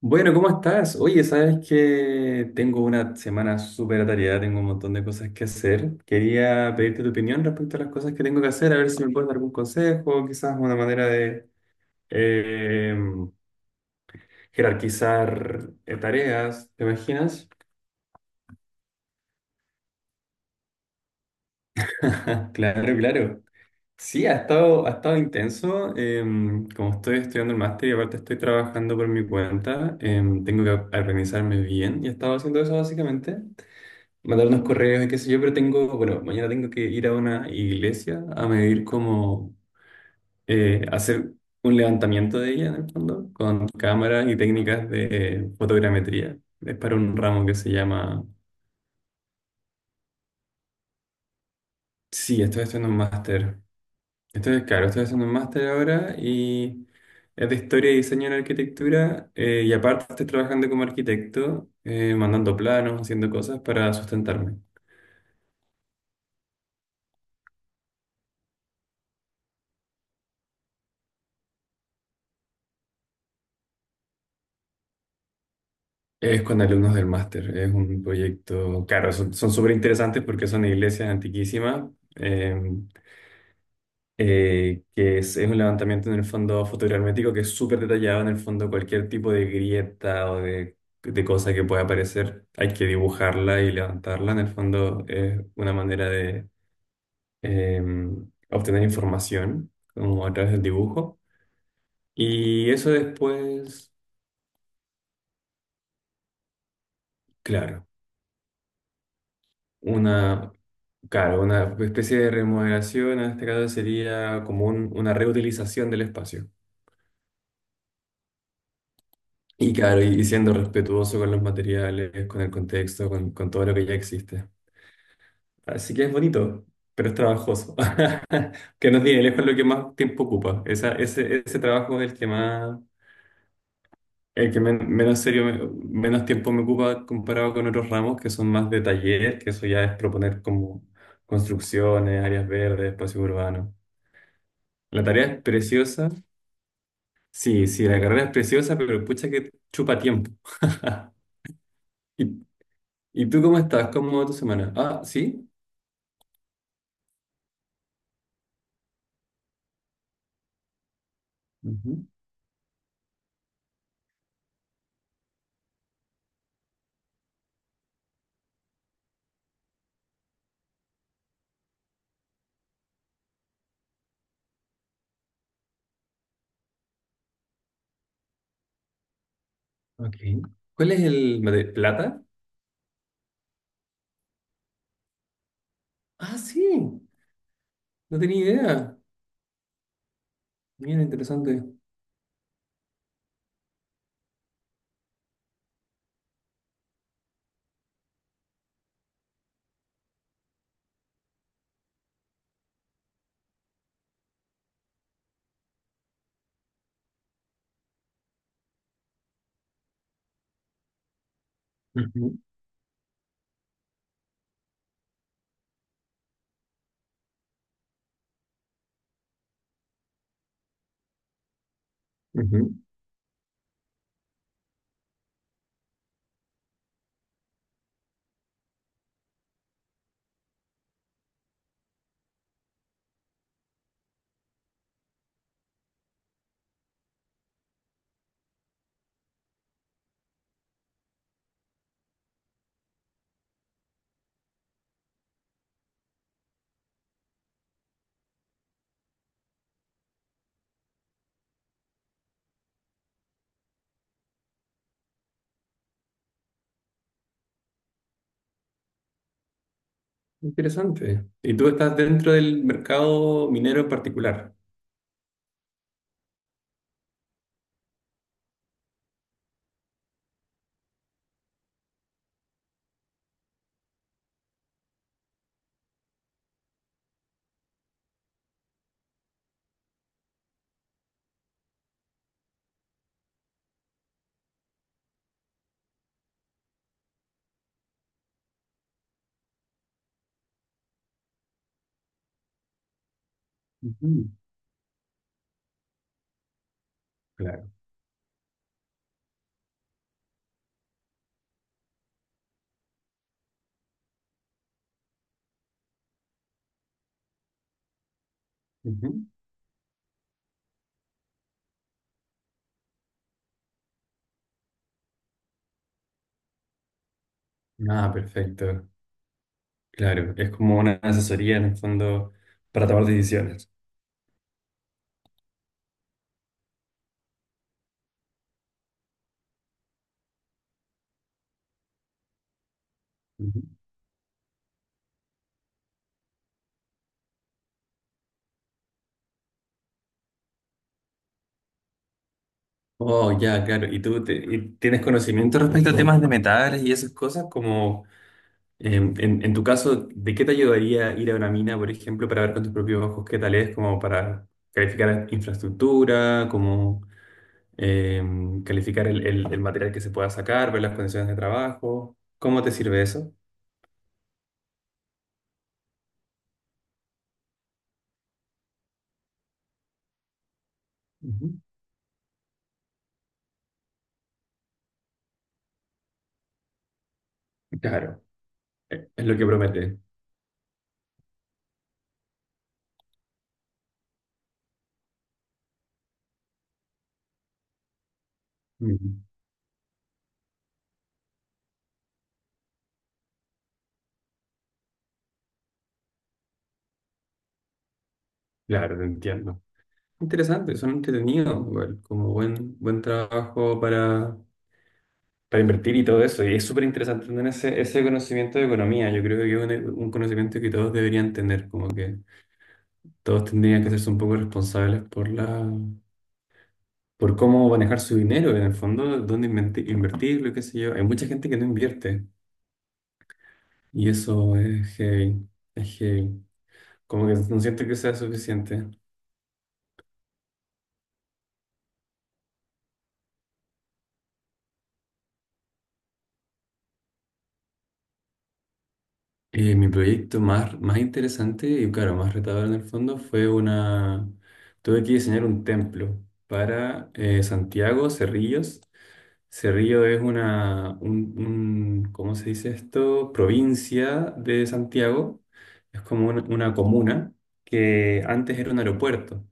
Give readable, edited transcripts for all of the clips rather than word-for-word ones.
Bueno, ¿cómo estás? Oye, sabes que tengo una semana súper atareada, tengo un montón de cosas que hacer. Quería pedirte tu opinión respecto a las cosas que tengo que hacer, a ver si me puedes dar algún consejo, quizás una manera de eh, jerarquizar tareas, ¿te imaginas? Claro, claro. Sí, ha estado intenso. Como estoy estudiando el máster y aparte estoy trabajando por mi cuenta, tengo que organizarme bien y he estado haciendo eso básicamente. Mandar unos correos y qué sé yo, pero tengo, bueno, mañana tengo que ir a una iglesia a medir hacer un levantamiento de ella en el fondo, con cámaras y técnicas de fotogrametría. Es para un ramo que se llama... Sí, estoy haciendo un máster. Estoy, claro, estoy haciendo un máster ahora y es de historia y diseño en arquitectura y aparte estoy trabajando como arquitecto, mandando planos, haciendo cosas para sustentarme. Es con alumnos del máster, es un proyecto, claro, son súper interesantes porque son iglesias antiquísimas, eh, que es un levantamiento en el fondo fotogramétrico que es súper detallado en el fondo, cualquier tipo de grieta de cosa que pueda aparecer, hay que dibujarla y levantarla, en el fondo es una manera de eh, obtener información como a través del dibujo. Y eso después, claro. Una, claro, una especie de remodelación, en este caso sería como una reutilización del espacio. Y claro, y siendo respetuoso con los materiales, con el contexto, con todo lo que ya existe. Así que es bonito, pero es trabajoso. Que nos tiene lejos lo que más tiempo ocupa. Ese trabajo es el que más, el que menos serio, menos tiempo me ocupa comparado con otros ramos que son más de taller, que eso ya es proponer como construcciones, áreas verdes, espacios urbanos. La tarea es preciosa. Sí, sí, la carrera es preciosa, pero pucha que chupa tiempo. ¿Y, ¿y tú cómo estás? ¿Cómo va tu semana? Ah, sí. Ujú. Ok. ¿Cuál es el plata? Ah, sí. No tenía idea. Mira, interesante. Ujú, ujú. Interesante. ¿Y tú estás dentro del mercado minero en particular? Ujú. Claro. Ujú. Ah, perfecto. Claro. Es como una asesoría en el fondo para tomar decisiones. Oh, ya, claro. ¿Y tú y tienes conocimiento respecto a temas de metales y esas cosas? Como en tu caso, ¿de qué te ayudaría ir a una mina, por ejemplo, para ver con tus propios ojos qué tal es, como para calificar infraestructura, como calificar el material que se pueda sacar, ver las condiciones de trabajo? ¿Cómo te sirve eso? Ujú. Claro, es lo que promete. Mm. Claro, te entiendo. Interesante, son entretenidos, igual, como buen trabajo para invertir y todo eso. Y es súper interesante tener ese conocimiento de economía. Yo creo que es un conocimiento que todos deberían tener, como que todos tendrían que hacerse un poco responsables por la, por cómo manejar su dinero, en el fondo, dónde invertirlo, qué sé yo. Hay mucha gente que no invierte y eso es heavy, es heavy. Como que no siento que sea suficiente. Mi proyecto más, más interesante y claro, más retador en el fondo fue una... Tuve que diseñar un templo para Santiago, Cerrillos. Cerrillo es una, ¿cómo se dice esto? Provincia de Santiago. Es como una comuna que antes era un aeropuerto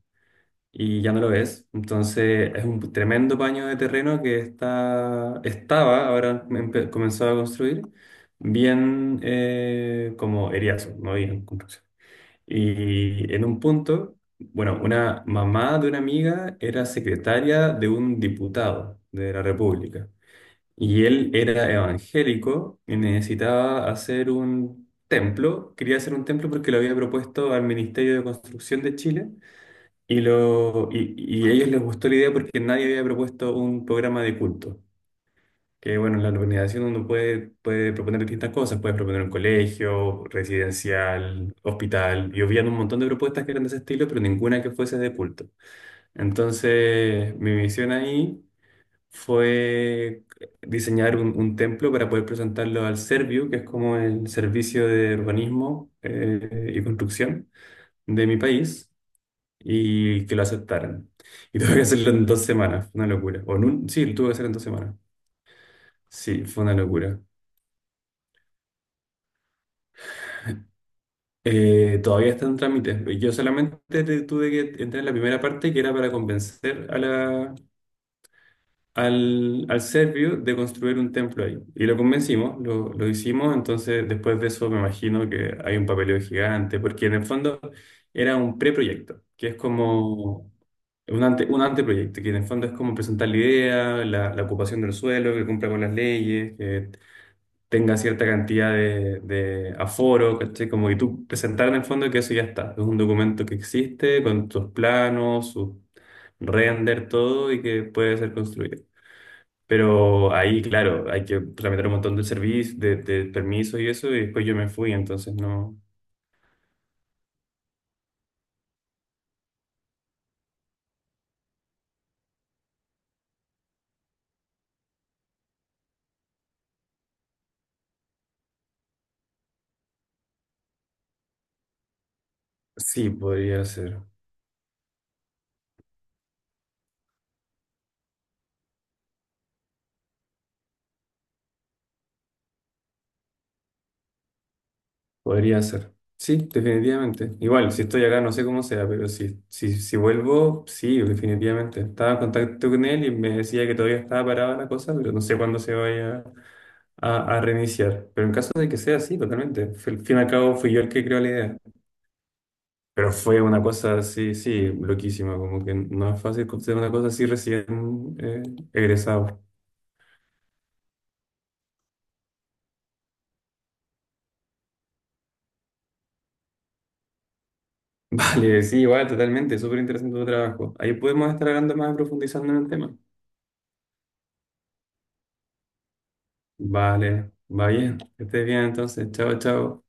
y ya no lo es. Entonces es un tremendo paño de terreno que está, estaba, ahora comenzó a construir, bien como eriazo, no había construcción. Y en un punto... Bueno, una mamá de una amiga era secretaria de un diputado de la República. Y él era evangélico y necesitaba hacer un templo. Quería hacer un templo porque lo había propuesto al Ministerio de Construcción de Chile y, y a ellos les gustó la idea porque nadie había propuesto un programa de culto. Que bueno, en la organización uno puede, puede proponer distintas cosas, puede proponer un colegio, residencial, hospital, y habían un montón de propuestas que eran de ese estilo, pero ninguna que fuese de culto. Entonces, mi misión ahí fue diseñar un templo para poder presentarlo al Serviu, que es como el servicio de urbanismo y construcción de mi país, y que lo aceptaran. Y tuve que hacerlo en 2 semanas, fue una locura. Sí, lo tuve que hacer en 2 semanas. Sí, fue una locura. Todavía está en trámite. Yo solamente tuve que entrar en la primera parte que era para convencer a la, al serbio de construir un templo ahí. Y lo convencimos, lo hicimos, entonces después de eso me imagino que hay un papeleo gigante, porque en el fondo era un preproyecto, que es como un anteproyecto, que en el fondo es como presentar la idea, la ocupación del suelo, que cumpla con las leyes, que tenga cierta cantidad de aforo, ¿cachai? Como que tú presentar en el fondo que eso ya está, es un documento que existe con tus planos, sus render, todo y que puede ser construido. Pero ahí, claro, hay que tramitar un montón de servicios, de permisos y eso, y después yo me fui, entonces no. Sí, podría ser, podría ser. Sí, definitivamente. Igual, si estoy acá, no sé cómo sea, pero si vuelvo, sí, definitivamente. Estaba en contacto con él y me decía que todavía estaba parada la cosa, pero no sé cuándo se vaya a reiniciar. Pero en caso de que sea así, totalmente. Al fin y al cabo, fui yo el que creó la idea. Pero fue una cosa así, sí, loquísima, como que no es fácil hacer una cosa así recién eh, egresado. Vale, sí, igual, totalmente, súper interesante tu trabajo. Ahí podemos estar hablando más, profundizando en el tema. Vale, va bien, que estés bien entonces, chao, chao.